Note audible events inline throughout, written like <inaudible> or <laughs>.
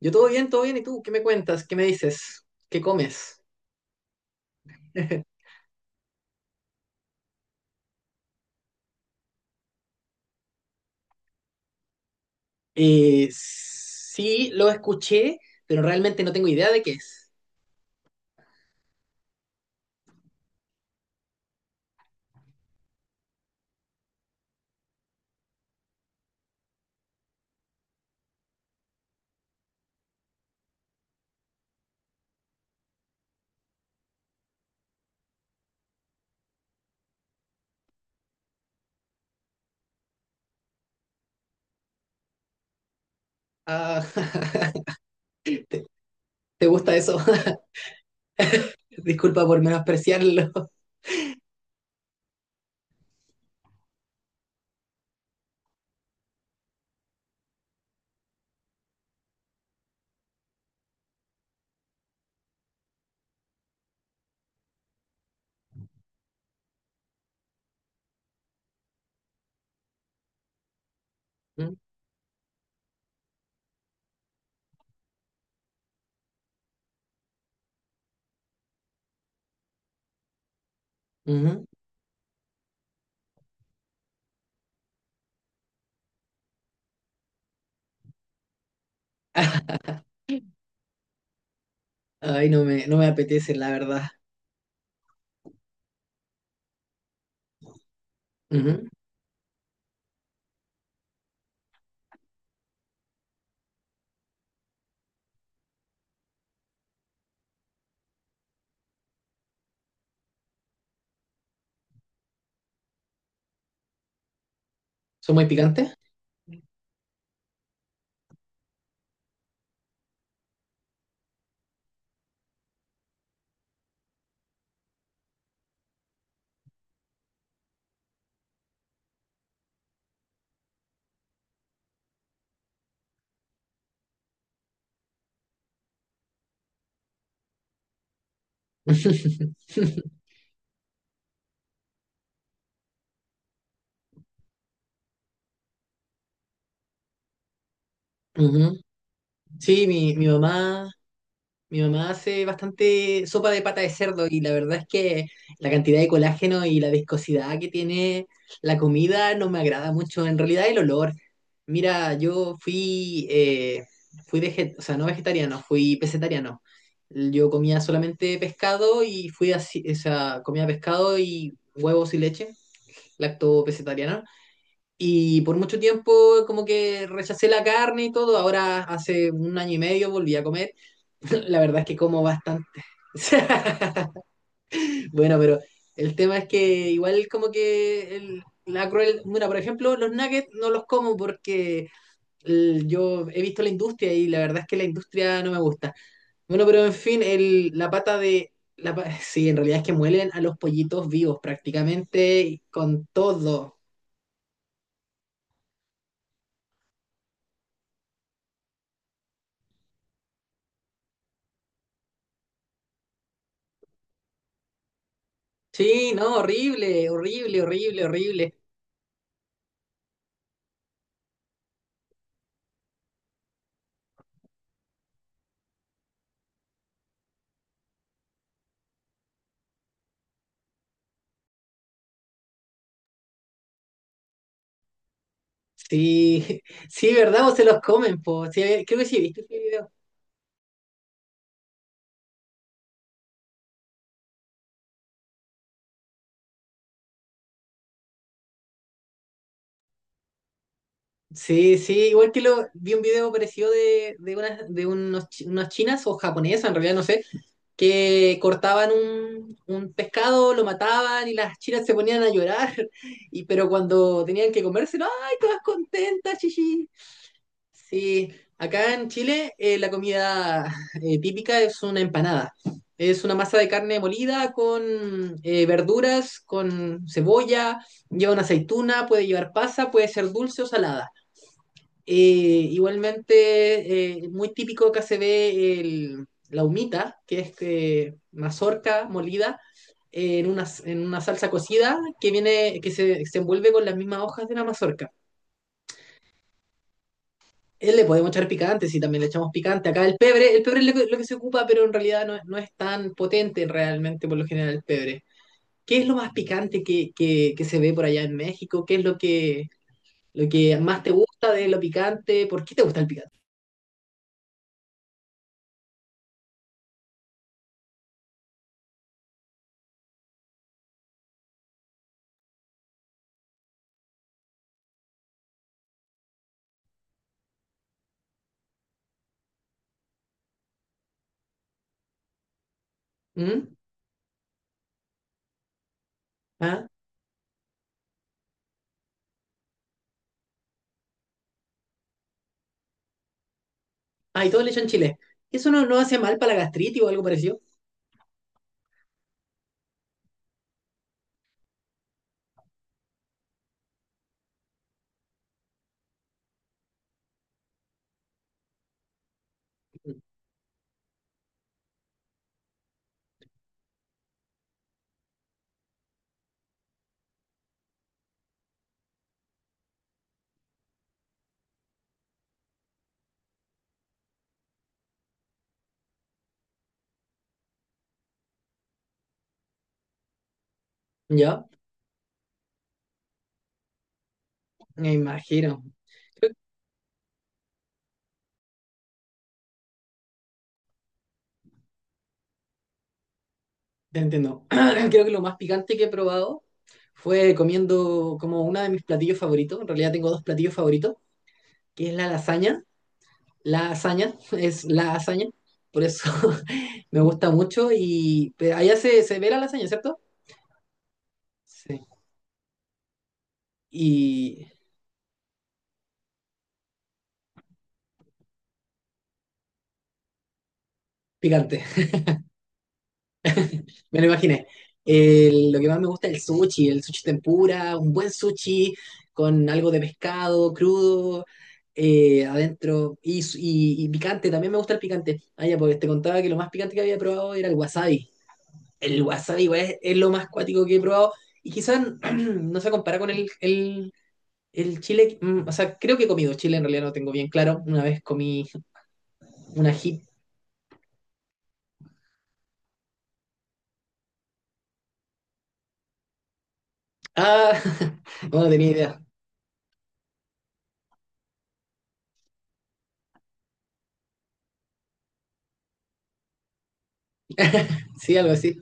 Yo todo bien, todo bien. ¿Y tú qué me cuentas? ¿Qué me dices? ¿Qué comes? <laughs> Sí, lo escuché, pero realmente no tengo idea de qué es. Ah, <laughs> ¿te, te gusta eso? <laughs> Disculpa por menospreciarlo. <laughs> Mm, ujú. <laughs> Ay, no me apetece, la verdad. Ujú. ¿Son muy picantes? <laughs> Ujú. Sí, mi mamá. Mi mamá hace bastante sopa de pata de cerdo, y la verdad es que la cantidad de colágeno y la viscosidad que tiene la comida no me agrada mucho. En realidad el olor. Mira, yo fui, fui o sea, no vegetariano, fui pesetariano. Yo comía solamente pescado, y fui así, o sea, comía pescado y huevos y leche, lacto pesetariana. Y por mucho tiempo como que rechacé la carne y todo. Ahora hace un año y medio volví a comer. <laughs> La verdad es que como bastante. <laughs> Bueno, pero el tema es que igual como que la cruel... Mira, por ejemplo, los nuggets no los como porque yo he visto la industria y la verdad es que la industria no me gusta. Bueno, pero en fin, el, la pata de... La, <laughs> sí, en realidad es que muelen a los pollitos vivos, prácticamente, y con todo. Sí, no, horrible, horrible, horrible, horrible. Sí, <laughs> sí, ¿verdad? O se los comen, po. Sí, creo que sí, ¿viste ese video? Sí, sí, igual que lo vi un video parecido de unas chinas o japonesas, en realidad no sé, que cortaban un pescado, lo mataban y las chinas se ponían a llorar, <laughs> y, pero cuando tenían que comérselo, ¡ay, todas contentas, chichi! Sí, acá en Chile la comida típica es una empanada. Es una masa de carne molida con verduras, con cebolla, lleva una aceituna, puede llevar pasa, puede ser dulce o salada. Eh, Igualmente, muy típico acá se ve la humita, que es mazorca molida en una salsa cocida que viene, que se envuelve con las mismas hojas de la mazorca. Él le podemos echar picante, sí, también le echamos picante. Acá el pebre es lo que se ocupa, pero en realidad no es tan potente realmente por lo general el pebre. ¿Qué es lo más picante que, que se ve por allá en México? ¿Qué es lo que más te gusta de lo picante? ¿Por qué te gusta el picante? ¿Mm? ¿Ah? Ah, y todos le echan chile. ¿Eso no hace mal para la gastritis o algo parecido? Ya, me imagino. Te entiendo. <clears throat> Creo que lo más picante que he probado fue comiendo como uno de mis platillos favoritos. En realidad tengo dos platillos favoritos, que es la lasaña. La lasaña <laughs> es la lasaña. Por eso <laughs> me gusta mucho. Y pero allá se ve la lasaña, ¿cierto? Sí. Y picante. Me lo imaginé. Lo que más me gusta es el sushi tempura, un buen sushi con algo de pescado crudo adentro y, y picante. También me gusta el picante. Ah, ya, porque te contaba que lo más picante que había probado era el wasabi. El wasabi igual es lo más cuático que he probado, y quizás <clears throat> no se compara con el chile. O sea, creo que he comido chile, en realidad no tengo bien claro. Una vez comí una ají. Ah, <laughs> no, no tenía idea. Sí, algo así.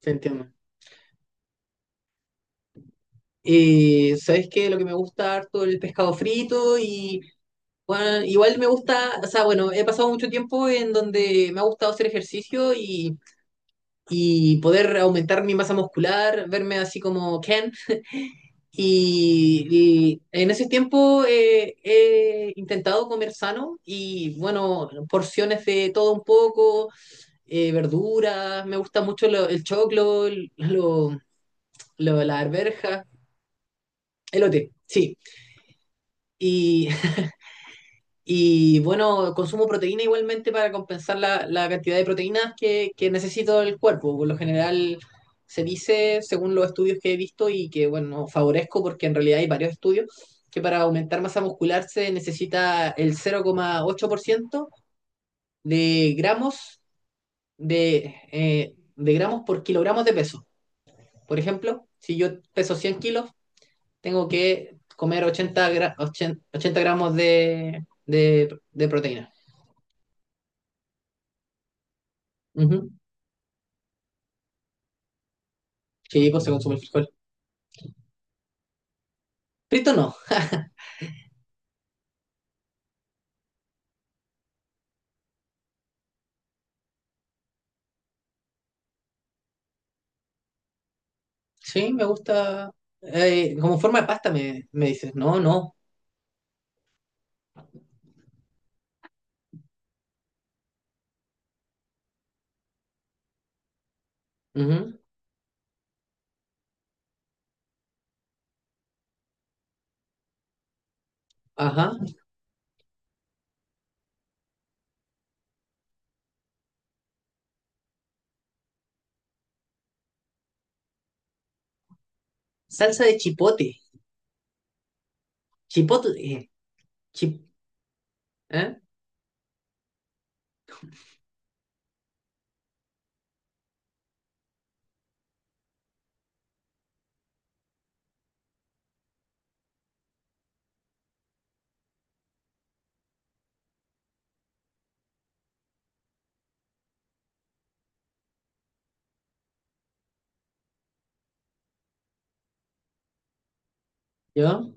Se entiende. ¿Sabes qué? Lo que me gusta harto el pescado frito y bueno, igual me gusta, o sea, bueno, he pasado mucho tiempo en donde me ha gustado hacer ejercicio y poder aumentar mi masa muscular, verme así como Ken. Y en ese tiempo he intentado comer sano y bueno, porciones de todo un poco, verduras, me gusta mucho el choclo, la arveja, elote, sí. Y y bueno, consumo proteína igualmente para compensar la, la cantidad de proteínas que necesito el cuerpo. Por lo general se dice, según los estudios que he visto y que, bueno, favorezco porque en realidad hay varios estudios, que para aumentar masa muscular se necesita el 0,8% de gramos, de gramos por kilogramos de peso. Por ejemplo, si yo peso 100 kilos, tengo que comer 80 gramos de proteína. Ujú. Sí, pues se consume el frijol. Frito no. Sí, me gusta. Como forma de pasta me, me dices. No, no. Ujú. Ajá. Salsa de chipote. Chipote. Chip, ¿Eh? ¿Yo?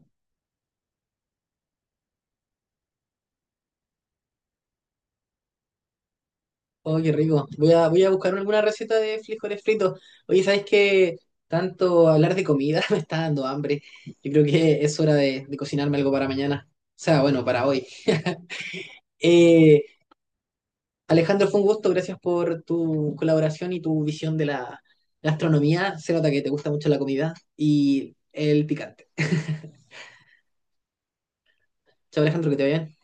Oh, qué rico. Voy a buscar alguna receta de frijoles fritos. Oye, ¿sabes qué? Tanto hablar de comida <laughs> me está dando hambre. Yo creo que es hora de cocinarme algo para mañana. O sea, bueno, para hoy. Eh, Alejandro, fue un gusto, gracias por tu colaboración y tu visión de la astronomía. Se nota que te gusta mucho la comida y el picante. Chao, Alejandro, que te vaya bien.